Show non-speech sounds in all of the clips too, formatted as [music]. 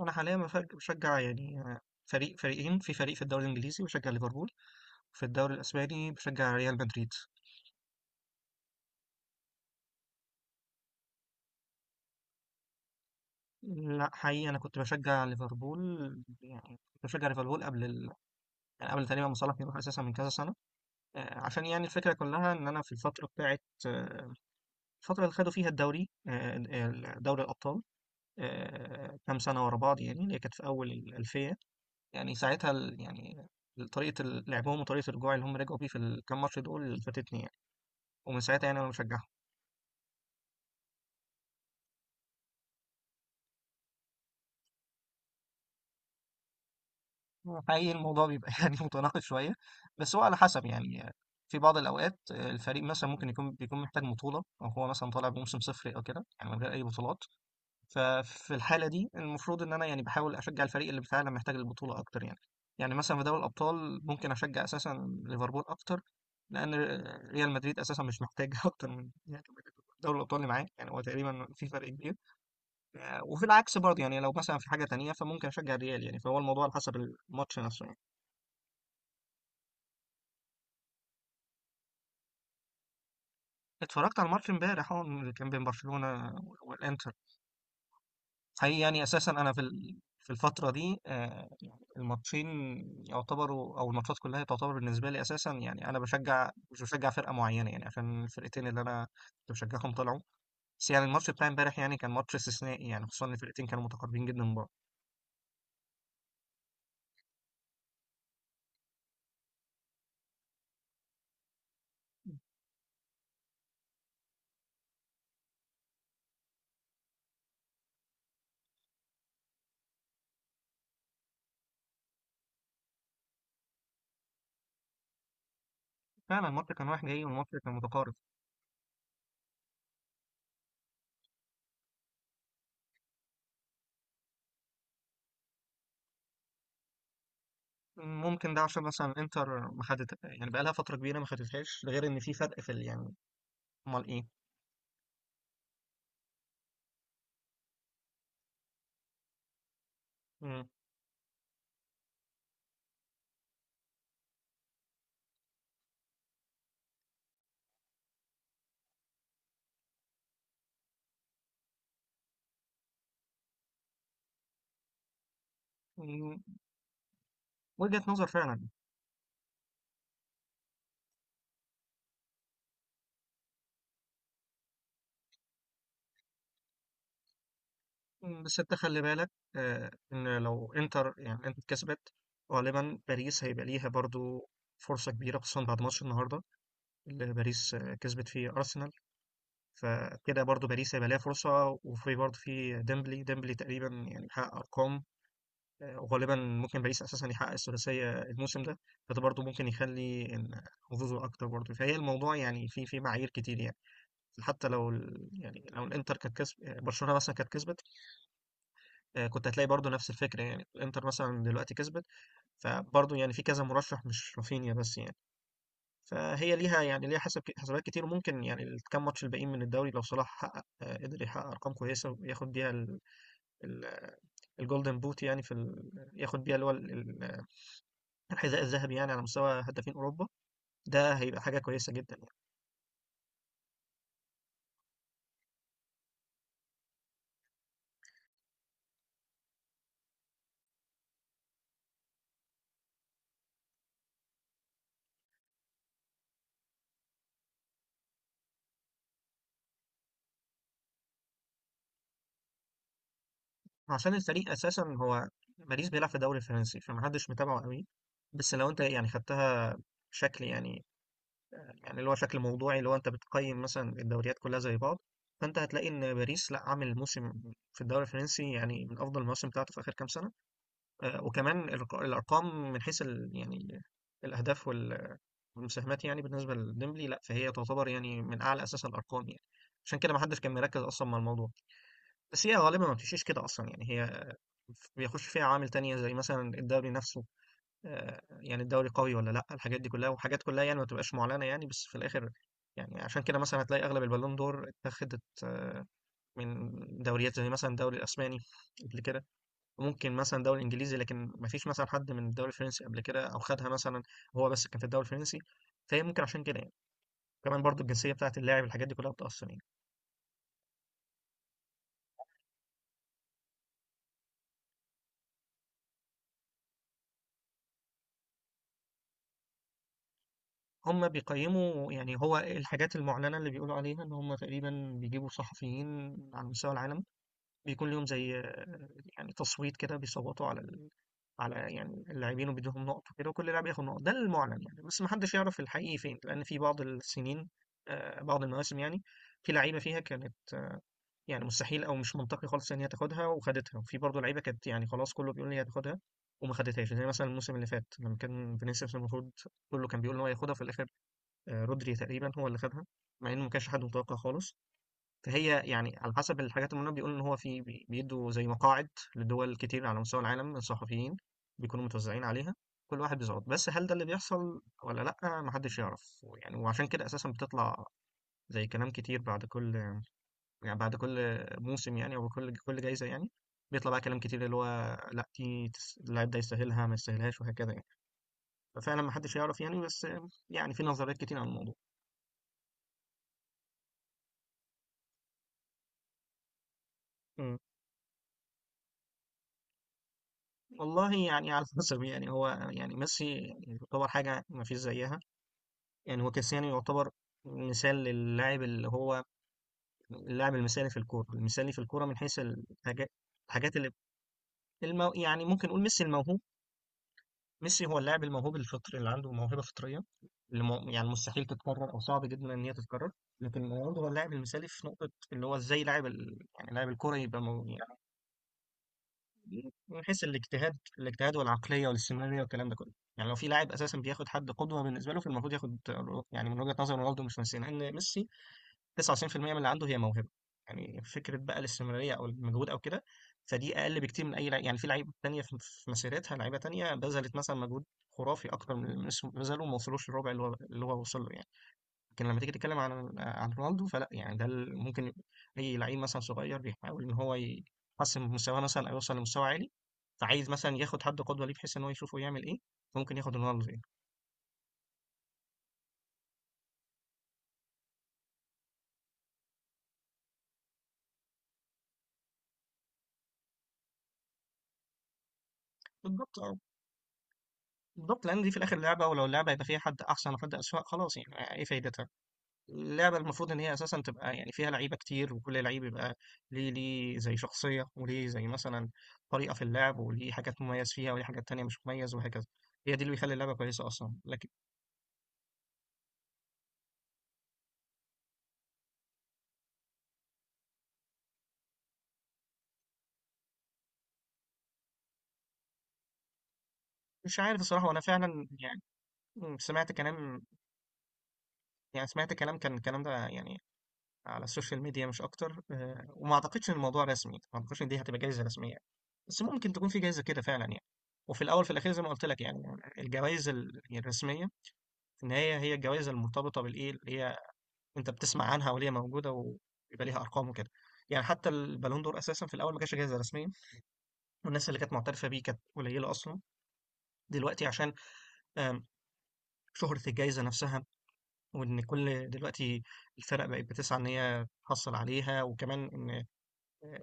انا حاليا بشجع فريقين في الدوري الانجليزي بشجع ليفربول، وفي الدوري الاسباني بشجع ريال مدريد. لا حقيقي انا كنت بشجع ليفربول. كنت بشجع ليفربول قبل ال... يعني قبل تقريبا ما صلاح يروح اساسا من كذا سنه. عشان الفكره كلها ان انا في الفتره بتاعت الفتره اللي خدوا فيها دوري الابطال، كام سنه ورا بعض يعني اللي هي كانت في اول الالفيه. يعني ساعتها ال- يعني طريقه لعبهم وطريقه الرجوع اللي هم رجعوا بيه في الكام ماتش دول فاتتني يعني. ومن ساعتها يعني انا بشجعهم. حقيقي الموضوع بيبقى [laughs] يعني متناقض شويه، بس هو على حسب يعني. في بعض الاوقات الفريق مثلا ممكن يكون محتاج بطوله، او هو مثلا طالع بموسم صفري او كده يعني من غير اي بطولات. ففي الحاله دي المفروض ان انا يعني بحاول اشجع الفريق اللي فعلا محتاج البطوله اكتر يعني. يعني مثلا في دوري الابطال ممكن اشجع اساسا ليفربول اكتر، لان ريال مدريد اساسا مش محتاج [laughs] اكتر من يعني دوري الابطال اللي معاه، يعني هو تقريبا في فرق كبير. وفي العكس برضه، يعني لو مثلا في حاجه تانية فممكن اشجع الريال يعني، فهو الموضوع على حسب الماتش نفسه يعني. اتفرجت على الماتش امبارح اه اللي كان بين برشلونه والانتر. حقيقي يعني اساسا انا في الفتره دي يعني الماتشين يعتبروا او الماتشات كلها تعتبر بالنسبه لي اساسا. يعني انا مش بشجع فرقه معينه يعني، عشان الفرقتين اللي انا كنت بشجعهم طلعوا. بس يعني الماتش بتاع امبارح يعني كان ماتش استثنائي، يعني خصوصا ان الفرقتين كانوا متقاربين جدا من بعض. فعلا الماتش كان رايح جاي والماتش كان متقارب. ممكن ده عشان مثلا انتر ما خدت يعني، بقالها فترة كبيرة ما خدتهاش، ده غير ان في فرق يعني. امال ايه. مم. مم. وجهة نظر فعلا. مم. بس انت خلي بالك ان لو انتر كسبت، غالبا باريس هيبقى ليها برضو فرصة كبيرة، خصوصا بعد ماتش النهاردة اللي باريس كسبت فيه أرسنال. فكده برضو باريس هيبقى ليها فرصة، وفي برضو في ديمبلي، ديمبلي تقريبا يعني بيحقق أرقام. وغالبا ممكن باريس اساسا يحقق الثلاثيه الموسم ده، فده برضو ممكن يخلي ان حظوظه اكتر برضو. فهي الموضوع يعني في معايير كتير يعني. حتى لو لو الانتر كانت كسب، برشلونه مثلا كانت كسبت، كنت هتلاقي برضو نفس الفكره. يعني الانتر مثلا دلوقتي كسبت، فبرضو يعني في كذا مرشح مش رافينيا بس يعني. فهي ليها يعني ليها حسب حسابات كتير. وممكن يعني الكام ماتش الباقيين من الدوري لو صلاح حقق قدر يحقق ارقام كويسه وياخد بيها ال- الجولدن بوت، يعني ياخد بيها اللي هو ال- الحذاء الذهبي يعني على مستوى هدافين أوروبا، ده هيبقى حاجة كويسة جدا يعني. عشان الفريق أساسا هو باريس بيلعب في الدوري الفرنسي، فمحدش متابعه قوي. بس لو أنت يعني خدتها بشكل يعني، يعني اللي هو شكل موضوعي، اللي هو أنت بتقيم مثلا الدوريات كلها زي بعض، فأنت هتلاقي إن باريس لا عامل موسم في الدوري الفرنسي يعني من أفضل المواسم بتاعته في آخر كام سنة. وكمان الارقام من حيث الاهداف والمساهمات يعني. بالنسبه لديمبلي لا، فهي تعتبر يعني من اعلى اساسا الارقام يعني، عشان كده ما حدش كان مركز اصلا مع الموضوع. بس هي غالبا ما بتمشيش كده اصلا، يعني هي بيخش فيها عوامل تانية زي مثلا الدوري نفسه، يعني الدوري قوي ولا لا، الحاجات دي كلها وحاجات كلها يعني ما تبقاش معلنه يعني، بس في الاخر يعني. عشان كده مثلا هتلاقي اغلب البالون دور اتخذت من دوريات زي مثلا الدوري الاسباني قبل كده، ممكن مثلًا دوري إنجليزي، لكن ما فيش مثلًا حد من الدوري الفرنسي قبل كده أو خدها مثلًا وهو بس كان في الدوري الفرنسي، فهي ممكن عشان كده يعني. وكمان برضه الجنسية بتاعة اللاعب الحاجات دي كلها بتأثّر يعني. هم بيقيّموا، يعني هو الحاجات المعلنة اللي بيقولوا عليها إن هم تقريبًا بيجيبوا صحفيين على مستوى العالم، بيكون ليهم زي يعني تصويت كده، بيصوّتوا على يعني اللاعبين، وبيدّوهم نُقَط وكده، وكل لاعب ياخد نُقَط. ده المُعلن يعني، بس ما حدّش يعرف الحقيقي فين، لإن في بعض السنين بعض المواسم يعني، في لعيبة فيها كانت يعني مستحيل او مش منطقي خالص ان هي تاخدها وخدتها، وفي برضه لعيبه كانت يعني خلاص كله بيقول لي هتاخدها وما خدتهاش، زي مثلا الموسم اللي فات لما كان فينيسيوس المفروض كله كان بيقول ان هو ياخدها في الاخر، رودري تقريبا هو اللي خدها، مع انه ما كانش حد متوقع خالص. فهي يعني على حسب الحاجات اللي هم بيقولوا ان هو بيدوا زي مقاعد لدول كتير على مستوى العالم من صحفيين بيكونوا متوزعين عليها، كل واحد بيظبط. بس هل ده اللي بيحصل ولا لا محدش يعرف يعني، وعشان كده اساسا بتطلع زي كلام كتير بعد كل موسم يعني، أو كل جايزة يعني، بيطلع بقى كلام كتير اللي هو لا اللاعب ده يستاهلها، ما يستاهلهاش، وهكذا يعني. ففعلا ما حدش يعرف يعني، بس يعني في نظريات كتير عن الموضوع. مم. والله يعني على حسب يعني. هو يعني ميسي يعني يعتبر حاجة ما فيش زيها. يعني هو كريستيانو يعتبر مثال للاعب اللي هو اللاعب المثالي في الكورة، المثالي في الكورة من حيث الحاجات اللي يعني ممكن نقول ميسي الموهوب. ميسي هو اللاعب الموهوب الفطري اللي عنده موهبه فطريه اللي يعني مستحيل تتكرر او صعب جدا ان هي تتكرر. لكن رونالدو هو اللاعب المثالي في نقطه اللي هو ازاي لاعب يعني لاعب الكوره يبقى يعني من حيث الاجتهاد والعقليه والاستمراريه والكلام ده كله. يعني لو في لاعب اساسا بياخد حد قدوه بالنسبه له، فالمفروض ياخد يعني من وجهه نظر رونالدو مش ميسي، لان ميسي 99% من اللي عنده هي موهبه يعني، فكره بقى الاستمراريه او المجهود او كده، فدي اقل بكتير من اي لعيب يعني. في لعيبه تانية في مسيرتها لعيبه تانية بذلت مثلا مجهود خرافي اكتر من اللي بذله، وما وصلوش للربع اللي هو وصل له يعني. لكن لما تيجي تتكلم عن رونالدو فلا يعني، ده ممكن يبقى اي لعيب مثلا صغير بيحاول ان هو يحسن من مستواه مثلا او يوصل لمستوى عالي، فعايز مثلا ياخد حد قدوه ليه بحيث ان هو يشوفه يعمل ايه، فممكن ياخد رونالدو يعني. بالضبط، اه، بالضبط، لان دي في الاخر لعبه، ولو اللعبه يبقى فيها حد احسن وحد اسوء، خلاص يعني ايه فايدتها؟ اللعبة المفروض إن هي أساسا تبقى يعني فيها لعيبة كتير، وكل لعيب يبقى ليه زي شخصية، وليه زي مثلا طريقة في اللعب، وليه حاجات مميز فيها، وليه حاجات تانية مش مميز، وهكذا. هي دي اللي بيخلي اللعبة كويسة أصلا. لكن مش عارف الصراحة، وأنا فعلا يعني سمعت كلام، يعني سمعت كلام كان الكلام ده يعني على السوشيال ميديا مش أكتر. وما أعتقدش إن الموضوع رسمي، ما أعتقدش إن دي هتبقى جايزة رسمية، بس ممكن تكون في جايزة كده فعلا يعني. وفي الاول في الاخير زي ما قلت لك يعني، الجوائز الرسميه في النهايه هي الجوائز المرتبطه بالايه اللي هي أنت بتسمع عنها وليه موجودة ويبقى ليها أرقام وكده يعني. حتى البالون دور أساسا في الأول ما كانش جايزة رسمية، والناس اللي كانت معترفة بيه كانت قليلة أصلا. دلوقتي عشان آم، شهرة الجايزة نفسها، وإن كل دلوقتي الفرق بقت بتسعى إن هي تحصل عليها، وكمان إن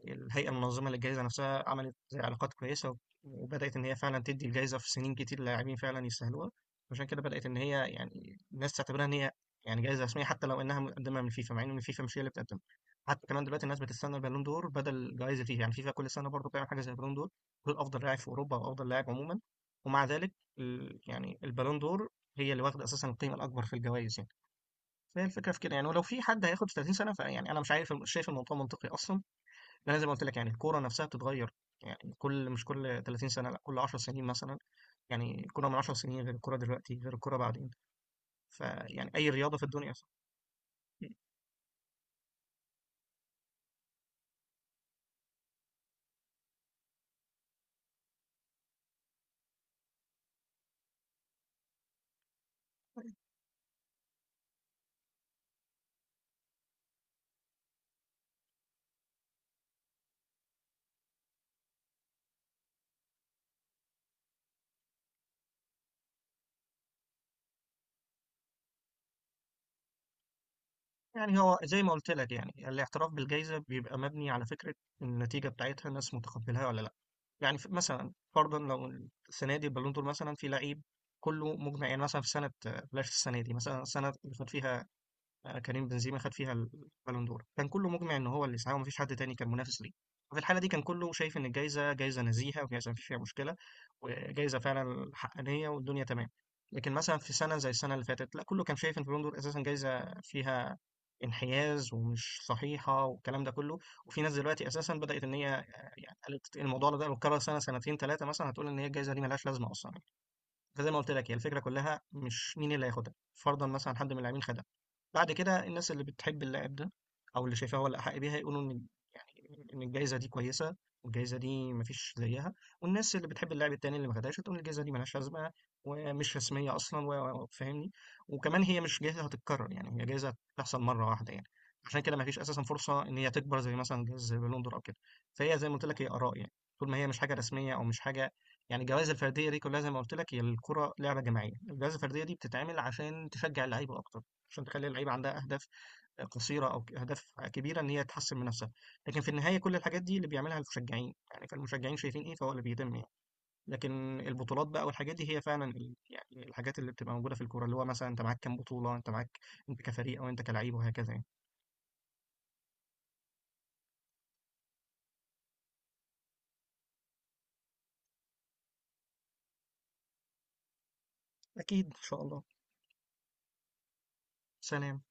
الهيئة المنظمة للجائزة نفسها عملت زي علاقات كويسة، وبدأت إن هي فعلا تدي الجائزة في سنين كتير لاعبين فعلا يستاهلوها، عشان كده بدأت إن هي يعني الناس تعتبرها إن هي يعني جائزة رسمية، حتى لو إنها مقدمة من فيفا، مع إن فيفا مش هي اللي بتقدمها. حتى كمان دلوقتي الناس بتستنى البالون دور بدل جائزة فيفا، يعني فيفا كل سنة برضه بتعمل حاجة زي البالون دور، دول أفضل لاعب في أوروبا أو أفضل لاعب عموما. ومع ذلك البالون دور هي اللي واخدة أساسا القيمة الأكبر في الجوائز يعني. فهي الفكرة في كده يعني. ولو في حد هياخد في 30 سنة، فيعني أنا مش عارف، شايف الموضوع منطقي أصلا؟ لأن زي ما قلت لك يعني الكورة نفسها بتتغير، يعني مش كل 30 سنة لأ، كل 10 سنين مثلا. يعني الكورة من 10 سنين غير الكورة دلوقتي غير الكورة بعدين، فيعني أي رياضة في الدنيا أصلا. يعني هو زي ما قلت لك يعني، الاعتراف بالجائزة بيبقى مبني على فكرة النتيجة بتاعتها، الناس متقبلها ولا لأ. يعني مثلا فرضا لو السنة دي البالون دور مثلا في لعيب كله مجمع يعني، مثلا في سنة، بلاش السنة دي، مثلا السنة اللي فات فيها كريم بنزيما خد فيها البالون دور، كان كله مجمع ان هو اللي سعاه ومفيش حد تاني كان منافس ليه، ففي الحاله دي كان كله شايف ان الجايزه جايزه نزيهه وجايزه مفيش فيها مشكله وجايزه فعلا حقانيه والدنيا تمام. لكن مثلا في سنه زي السنه اللي فاتت لا، كله كان شايف ان البالون دور اساسا جايزه فيها انحياز ومش صحيحه والكلام ده كله. وفي ناس دلوقتي اساسا بدات ان هي يعني قالت الموضوع ده لو اتكرر سنة سنتين ثلاثة مثلا، هتقول ان هي الجايزه دي ملهاش لازمه اصلا. فزي ما قلت لك هي الفكره كلها مش مين اللي هياخدها، فرضا مثلا حد من اللاعبين خدها، بعد كده الناس اللي بتحب اللاعب ده او اللي شايفاه هو الاحق بيها يقولوا ان يعني ان الجائزه دي كويسه والجائزه دي مفيش زيها، والناس اللي بتحب اللاعب التاني اللي ما خدهاش تقول الجائزه دي ملهاش لازمه ومش رسميه اصلا، وفاهمني. وكمان هي مش جائزه هتتكرر، يعني هي جائزه بتحصل مره واحده يعني، عشان كده مفيش اساسا فرصه ان هي تكبر زي مثلا جائزه زي بالون دور او كده. فهي زي ما قلت لك هي اراء يعني، طول ما هي مش حاجه رسميه او مش حاجه، يعني الجوائز الفرديه دي كلها زي ما قلت لك. هي الكره لعبه جماعيه، الجوائز الفرديه دي بتتعمل عشان تشجع اللعيبه اكتر، عشان تخلي اللعيبه عندها اهداف، قصيره او اهداف كبيره ان هي تحسن من نفسها. لكن في النهايه كل الحاجات دي اللي بيعملها المشجعين يعني، فالمشجعين شايفين ايه فهو اللي بيتم يعني. لكن البطولات بقى والحاجات دي هي فعلا يعني الحاجات اللي بتبقى موجوده في الكوره، اللي هو مثلا انت معاك كام بطوله، انت معاك انت كفريق او انت كلعيب، وهكذا يعني. اكيد ان شاء الله. سلام.